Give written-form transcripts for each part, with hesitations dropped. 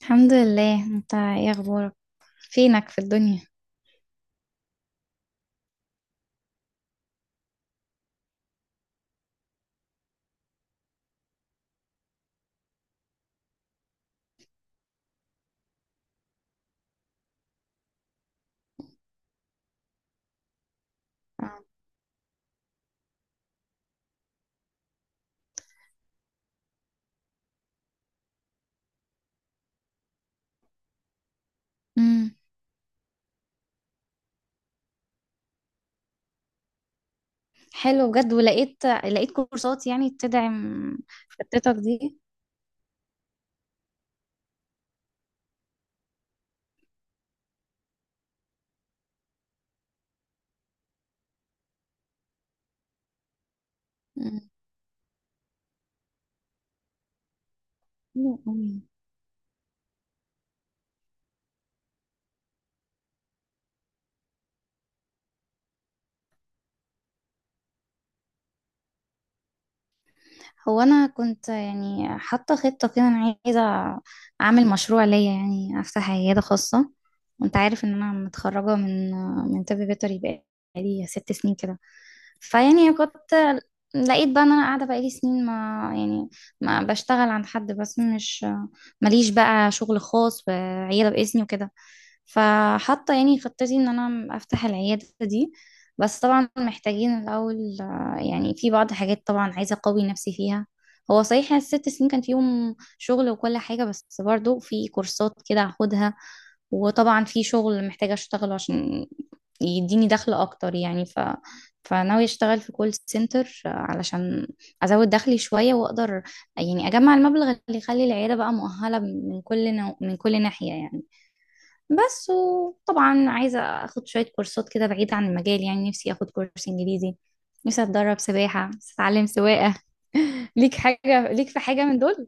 الحمد لله، انت ايه اخبارك؟ فينك في الدنيا؟ امم حلو بجد، ولقيت كورسات يعني تدعم خطتك دي؟ مم. هو انا كنت يعني حاطه خطه كده، انا عايزه اعمل مشروع ليا، يعني افتح عياده خاصه. وانت عارف ان انا متخرجه من طب بيطري بقالي 6 سنين كده. فيعني كنت لقيت بقى ان انا قاعده بقالي سنين، ما يعني، ما بشتغل عند حد، بس مش، ماليش بقى شغل خاص وعياده باسمي وكده. فحاطه يعني خطتي ان انا افتح العياده دي. بس طبعا محتاجين الاول، يعني في بعض الحاجات طبعا عايزة أقوي نفسي فيها. هو صحيح يعني الست سنين كان فيهم شغل وكل حاجة، بس برضو في كورسات كده هاخدها. وطبعا في شغل محتاجة أشتغله عشان يديني دخل أكتر يعني. فناوي أشتغل في كول سنتر علشان أزود دخلي شوية، وأقدر يعني أجمع المبلغ اللي يخلي العيادة بقى مؤهلة من كل نوع، من كل ناحية يعني. بس وطبعا عايزة اخد شوية كورسات كده بعيدة عن المجال، يعني نفسي اخد كورس انجليزي، نفسي اتدرب سباحة، نفسي اتعلم سواقة. ليك في حاجة من دول؟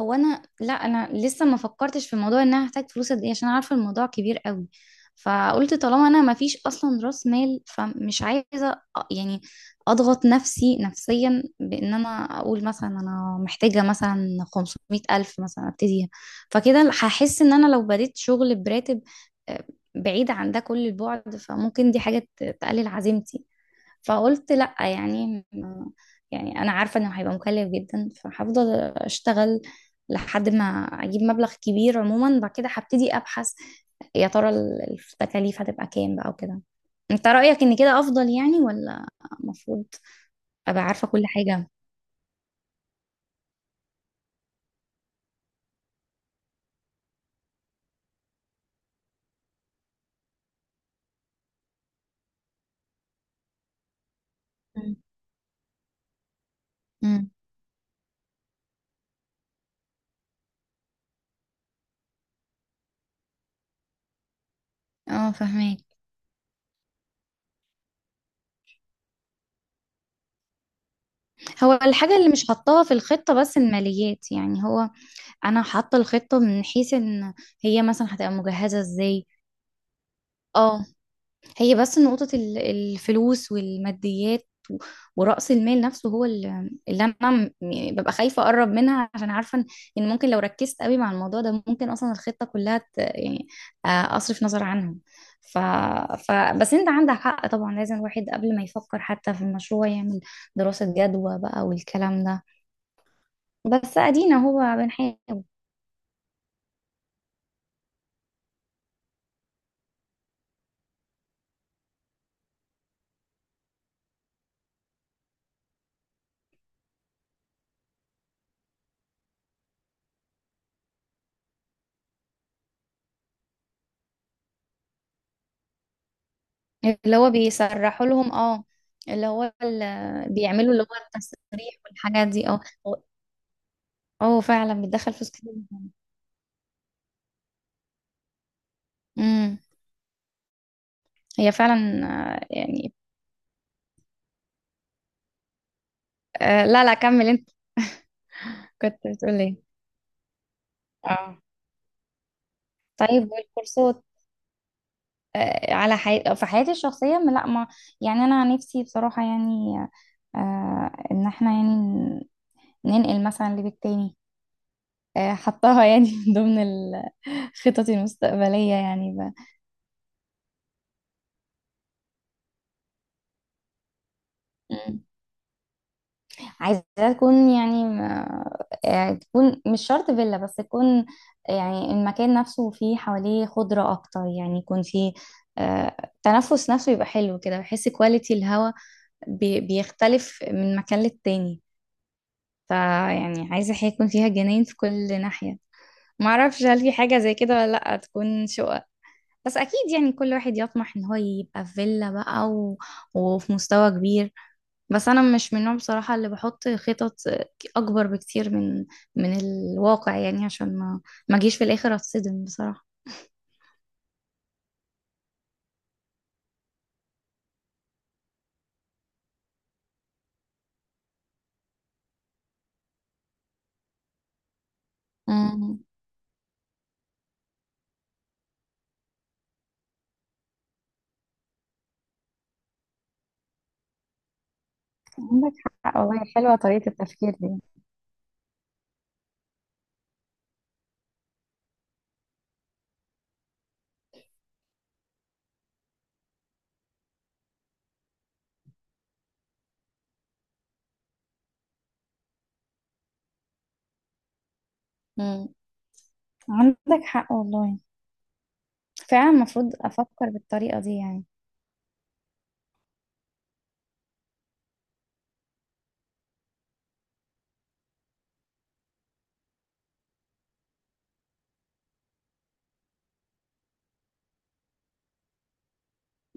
هو انا، لا، انا لسه ما فكرتش في موضوع ان انا هحتاج فلوس قد ايه، عشان عارفه الموضوع كبير قوي. فقلت طالما انا ما فيش اصلا راس مال، فمش عايزه، يعني اضغط نفسي نفسيا بان انا اقول مثلا انا محتاجه مثلا 500 الف مثلا ابتديها. فكده هحس ان انا لو بديت شغل براتب آه، بعيد عن ده كل البعد، فممكن دي حاجه تقلل عزيمتي. فقلت لأ، يعني يعني أنا عارفة إنه هيبقى مكلف جدا، فهفضل أشتغل لحد ما أجيب مبلغ كبير. عموما بعد كده هبتدي أبحث، يا ترى التكاليف هتبقى كام بقى وكده. أنت رأيك إن كده أفضل يعني، ولا المفروض أبقى عارفة كل حاجة؟ مم. امم، اه، فهماك. هو الحاجة اللي مش حطاها في الخطة بس الماليات، يعني هو انا حاطة الخطة من حيث ان هي مثلا هتبقى مجهزة ازاي. اه. هي بس نقطة الفلوس والماديات، ورأس المال نفسه، هو اللي أنا، يعني ببقى خايفة أقرب منها، عشان عارفة إن ممكن لو ركزت قوي مع الموضوع ده، ممكن أصلا الخطة كلها يعني أصرف نظر عنها. ف... بس أنت عندك حق طبعا، لازم الواحد قبل ما يفكر حتى في المشروع يعمل دراسة جدوى بقى والكلام ده. بس أدينا هو بنحاول. اللي هو بيسرحوا لهم، اه. اللي هو بيعملوا اللي هو التسريح والحاجات دي، اه. اه، فعلا بتدخل فلوس كتير. امم. هي فعلا. يعني لا، لا، كمل انت. كنت بتقول ايه؟ اه. طيب، والكورسات. على في حياتي الشخصية، لا، ما يعني انا نفسي بصراحة، يعني ان احنا يعني ننقل مثلا لبيت تاني. حطاها يعني من ضمن خططي المستقبلية يعني. بقى عايزة تكون يعني تكون مش شرط فيلا، بس تكون، يعني المكان نفسه فيه حواليه خضرة أكتر، يعني يكون فيه تنفس نفسه يبقى حلو كده. بحس كواليتي الهوا بيختلف من مكان للتاني. فيعني عايزة حاجة يكون فيها جناين في كل ناحية. معرفش هل في حاجة زي كده ولا لأ، تكون شقة. بس أكيد يعني كل واحد يطمح إن هو يبقى في فيلا بقى، و... وفي مستوى كبير. بس انا مش من النوع بصراحة اللي بحط خطط اكبر بكتير من الواقع، يعني عشان ما اجيش في الاخر اتصدم بصراحة. امم عندك حق والله، حلوة طريقة التفكير دي. مم. عندك حق والله، فعلا المفروض افكر بالطريقة دي يعني.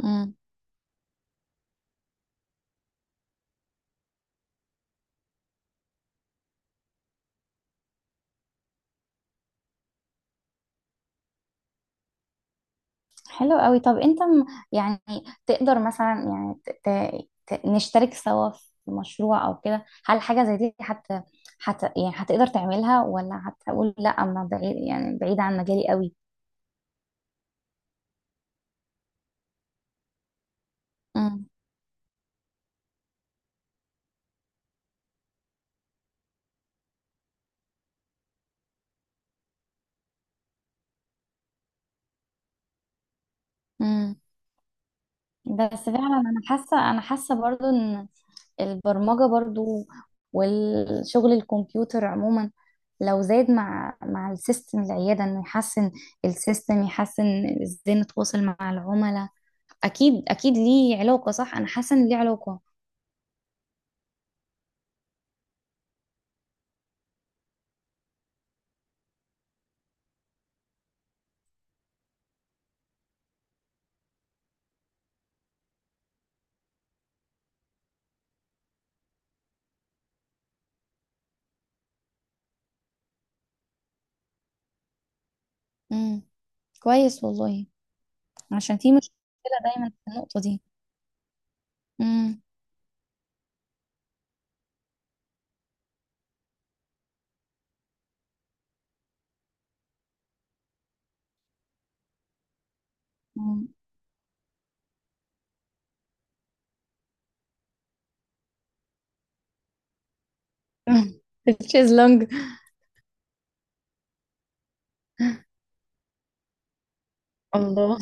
امم حلو قوي. طب انت يعني تقدر مثلا، يعني نشترك سوا في مشروع او كده؟ هل حاجة زي دي يعني هتقدر تعملها، ولا هتقول لا، انا بعيد، يعني بعيد عن مجالي قوي؟ مم. مم. بس فعلا انا حاسه، انا حاسه برضو ان البرمجه برضو، والشغل الكمبيوتر عموما، لو زاد مع السيستم العياده انه يحسن السيستم، يحسن ازاي نتواصل مع العملاء. اكيد اكيد ليه علاقه، صح، انا حاسه ان ليه علاقه. امم. كويس والله، عشان في مشكله دايما في النقطه دي. امم. تشيز لونج. الله.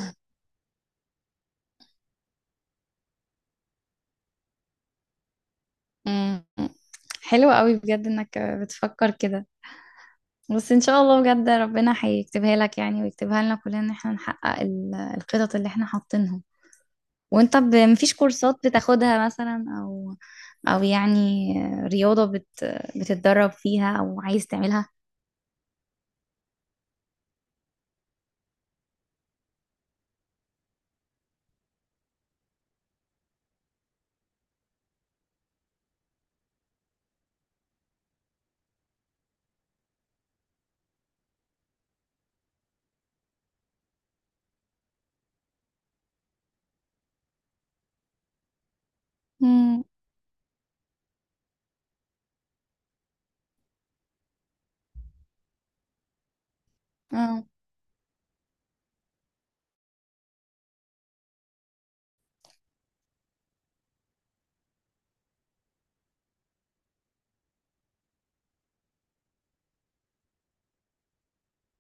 مم. حلو قوي بجد انك بتفكر كده. بس ان شاء الله بجد ربنا هيكتبها لك يعني، ويكتبها لنا كلنا ان احنا نحقق الخطط اللي احنا حاطينها. وانت مفيش كورسات بتاخدها مثلا، او، او يعني رياضة بتتدرب فيها او عايز تعملها؟ امم. اه.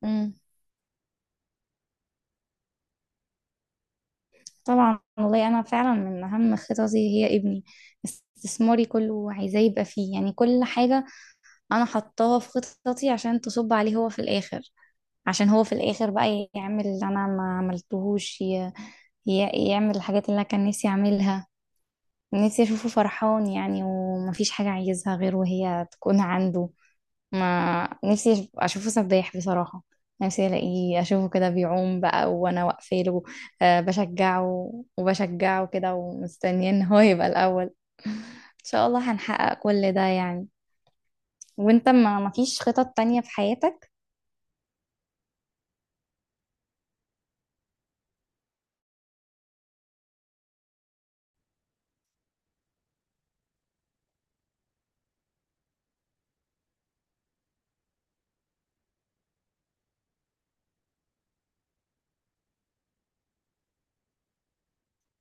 امم. طبعا والله، انا فعلا من اهم خططي هي ابني. استثماري كله عايزاه يبقى فيه، يعني كل حاجة انا حطاها في خططي عشان تصب عليه هو في الاخر. عشان هو في الاخر بقى يعمل اللي انا ما عملتهوش، يعمل الحاجات اللي انا كان نفسي اعملها. نفسي اشوفه فرحان، يعني ومفيش حاجة عايزها غير وهي تكون عنده. ما نفسي اشوفه سباح بصراحة. نفسي الاقيه اشوفه كده بيعوم بقى، وانا واقفه له بشجعه، وبشجعه كده، ومستنيه ان هو يبقى الاول. ان شاء الله هنحقق كل ده يعني. وانت، ما مفيش خطط تانية في حياتك؟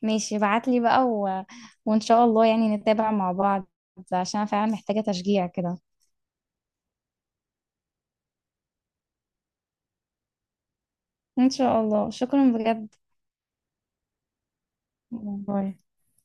ماشي، ابعتلي بقى، وإن شاء الله يعني نتابع مع بعض، عشان أنا فعلا محتاجة تشجيع كده. إن شاء الله، شكرا بجد. باي.